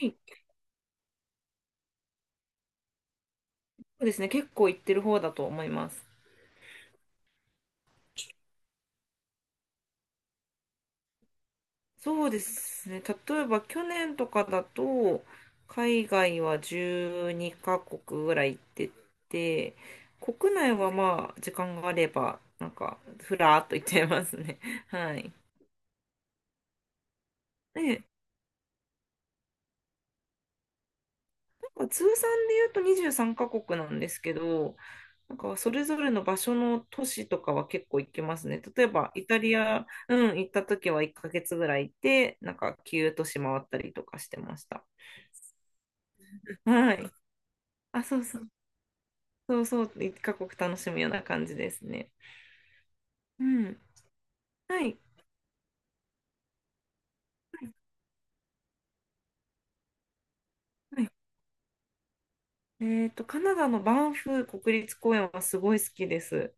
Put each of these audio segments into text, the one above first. いそうですね。結構行ってる方だと思います。そうですね。例えば去年とかだと、海外は12カ国ぐらい行ってて、国内はまあ、時間があれば、なんか、ふらーっと行っちゃいますね。はい。で、まあ通算で言うと23カ国なんですけど、なんかそれぞれの場所の都市とかは結構行きますね。例えばイタリア、うん、行った時は1ヶ月ぐらい行って、なんか9都市回ったりとかしてました。はい。あ、そうそう、そうそう、1カ国楽しむような感じですね。うん。はい。はい。カナダのバンフ国立公園はすごい好きです。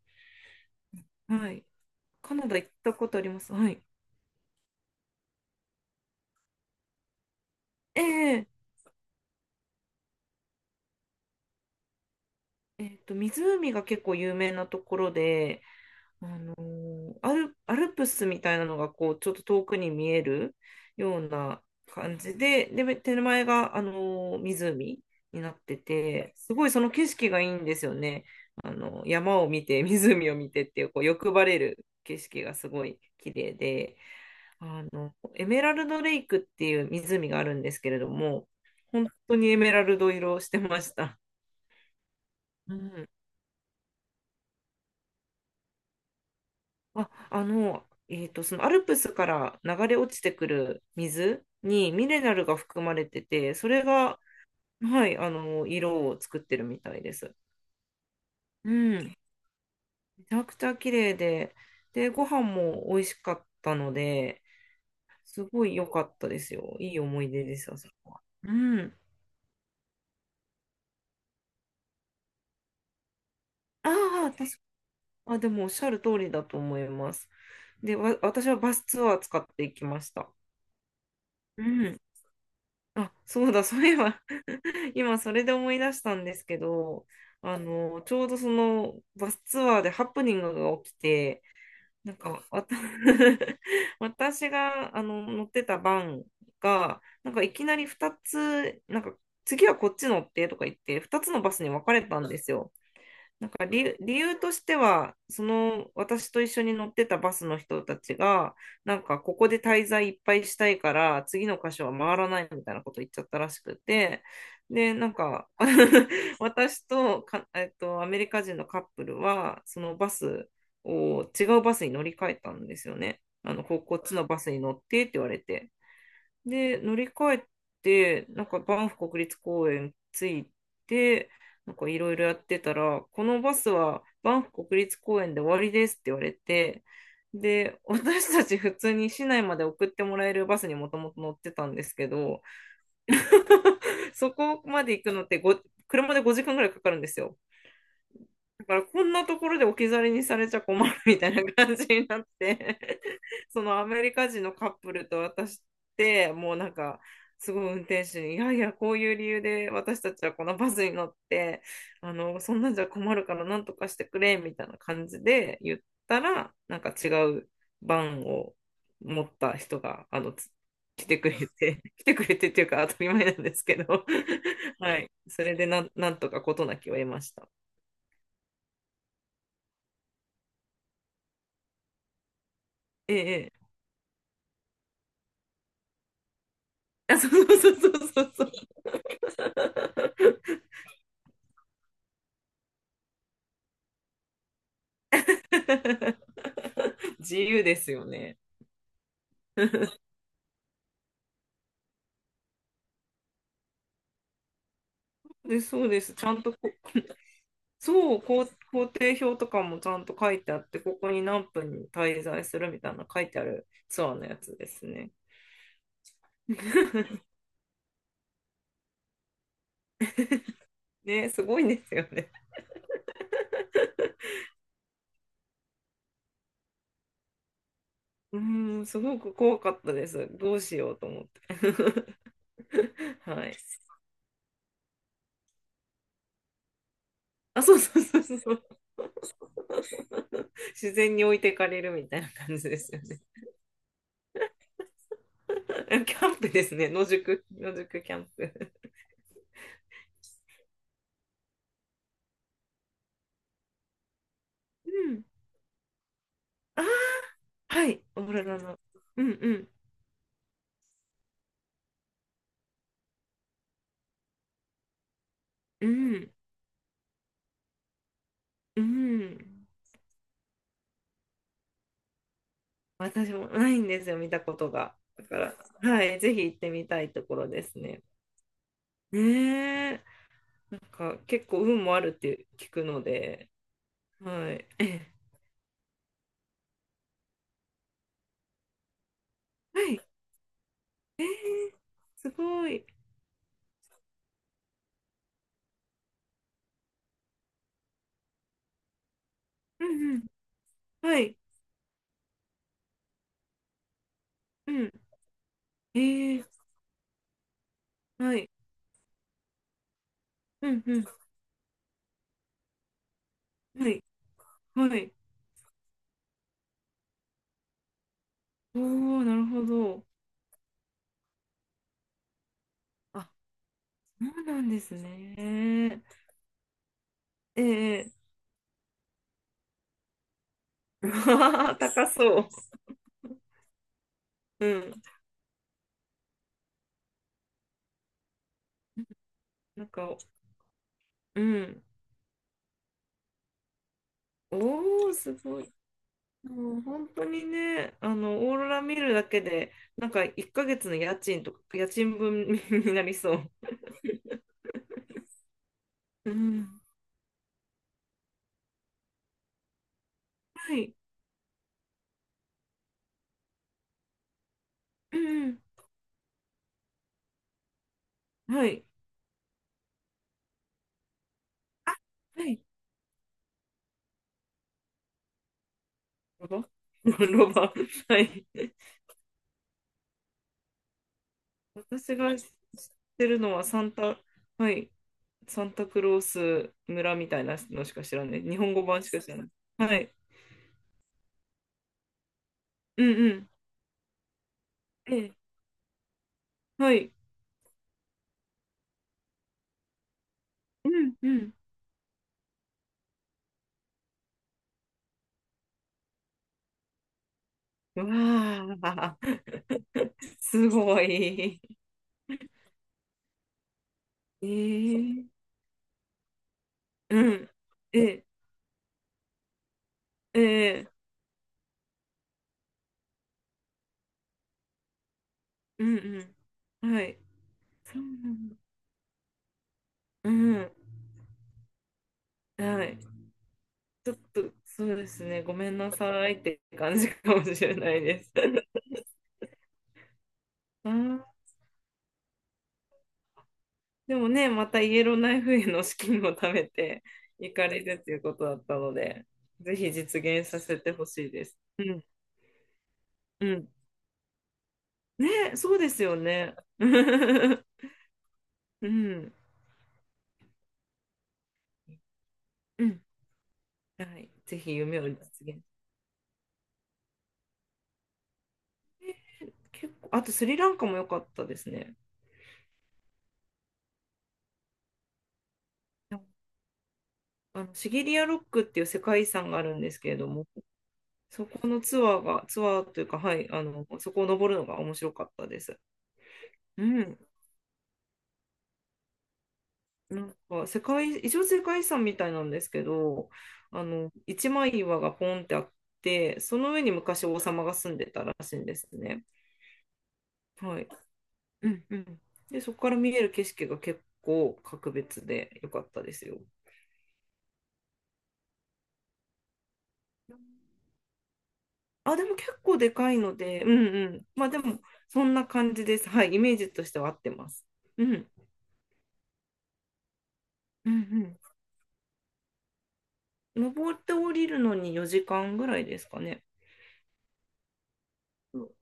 はい。カナダ行ったことあります。はい。ええ湖が結構有名なところで、アルプスみたいなのがこうちょっと遠くに見えるような感じで、で、手前が、湖になってて、すごいその景色がいいんですよね。あの山を見て、湖を見てっていう、こう欲張れる景色がすごい綺麗で、エメラルドレイクっていう湖があるんですけれども、本当にエメラルド色をしてました。うんあ、あの、えっと、そのアルプスから流れ落ちてくる水にミネラルが含まれてて、それが、はい、色を作ってるみたいです。うん、めちゃくちゃ綺麗で、で、ご飯も美味しかったので、すごい良かったですよ。いい思い出ですよ、そこは。うん。ああ、あ、でもおっしゃる通りだと思います。で、私はバスツアー使っていきました。うん。あ、そうだ、そういえば 今それで思い出したんですけど、ちょうどそのバスツアーでハプニングが起きて、なんか、私が乗ってたバンが、なんかいきなり2つ、なんか次はこっち乗ってとか言って、2つのバスに分かれたんですよ。なんか理由としては、その私と一緒に乗ってたバスの人たちが、なんかここで滞在いっぱいしたいから、次の箇所は回らないみたいなこと言っちゃったらしくて、で、なんか 私とか、アメリカ人のカップルは、そのバスを違うバスに乗り換えたんですよね。ここっちのバスに乗ってって言われて。で、乗り換えて、なんかバンフ国立公園着いて、なんかいろいろやってたら、このバスはバンフ国立公園で終わりですって言われて、で、私たち普通に市内まで送ってもらえるバスにもともと乗ってたんですけど、そこまで行くのって車で5時間ぐらいかかるんですよ。だからこんなところで置き去りにされちゃ困るみたいな感じになって そのアメリカ人のカップルと私ってもうなんかすごい運転手に「いやいやこういう理由で私たちはこのバスに乗ってそんなんじゃ困るからなんとかしてくれ」みたいな感じで言ったらなんか違うバンを持った人があのつ来てくれて 来てくれてっていうか当たり前なんですけど はい、それでなんとか事なきを得ました。ええ。あ、そうそうそうそうそうそう。自由ですよね。で、そうです。ちゃんとこ、そう、こう行程表とかもちゃんと書いてあって、ここに何分に滞在するみたいな書いてあるツアーのやつですね。ね、すごいんですよね。うーん、すごく怖かったです。どうしようと思って。はい。あ、そうそうそうそう。自然に置いてかれるみたいな感じですよね。キャンプですね。野宿、野宿キャンプ。うん。ああ、はい。オーロラの。うんうん。うん。うん。私もないんですよ、見たことが。だから、はい。ぜひ行ってみたいところですね。ねえ。なんか、結構運もあるって聞くので。はい。ええ。はい。ええ、すごい。うんうん。はい。うん。ええ。はい。うんうん。はい。はい。おお、なるほど。あ、そうなんですね。ええ。 わー、高そう。うん。なんか、うん。おー、すごい。もう本当にね、オーロラ見るだけで、なんか1ヶ月の家賃とか、家賃分 になりそう。うん。はい。うん。はい。はい。ロバ ロバ。はい。私が知ってるのはサンタ、はい、サンタクロース村みたいなのしか知らない。日本語版しか知らない。はい。うんうん、ええ、はい。うんうん。うわあ、すごい。ええ、うん。ええ、ええ、うんうん。はい。そうなんだ。うん。はい。ちょっと、そうですね。ごめんなさいって感じかもしれないです。あー、でもね、またイエローナイフへの資金を貯めて行かれるということだったので、ぜひ実現させてほしいです。うん、うん。ね、そうですよね。うん。うん。はい。ぜひ夢を実現。結構、あとスリランカも良かったですね。シギリアロックっていう世界遺産があるんですけれども、そこのツアーが、ツアーというか、はい、そこを登るのが面白かったです。うん。なんか、一応世界遺産みたいなんですけど、一枚岩がポンってあって、その上に昔王様が住んでたらしいんですね。はい。うんうん。で、そこから見える景色が結構格別で良かったですよ。あ、でも結構でかいので、うんうん。まあでも、そんな感じです。はい、イメージとしては合ってます。うん、うん、うん。登って降りるのに4時間ぐらいですかね。そう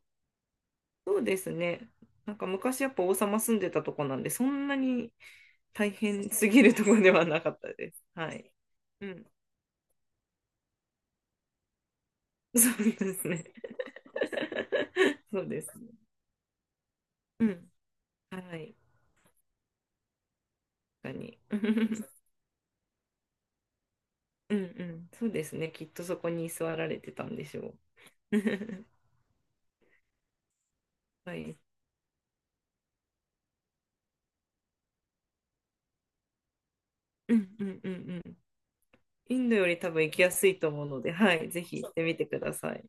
そうですね。なんか昔やっぱ王様住んでたとこなんで、そんなに大変すぎるとこではなかったです。はい。うん。そうですね。そうですね。うん。はい。確かに。うんうん。そうですね。きっとそこに座られてたんでしょう。はい。うんうんうんうん。インドより多分行きやすいと思うので、はい、ぜひ行ってみてください。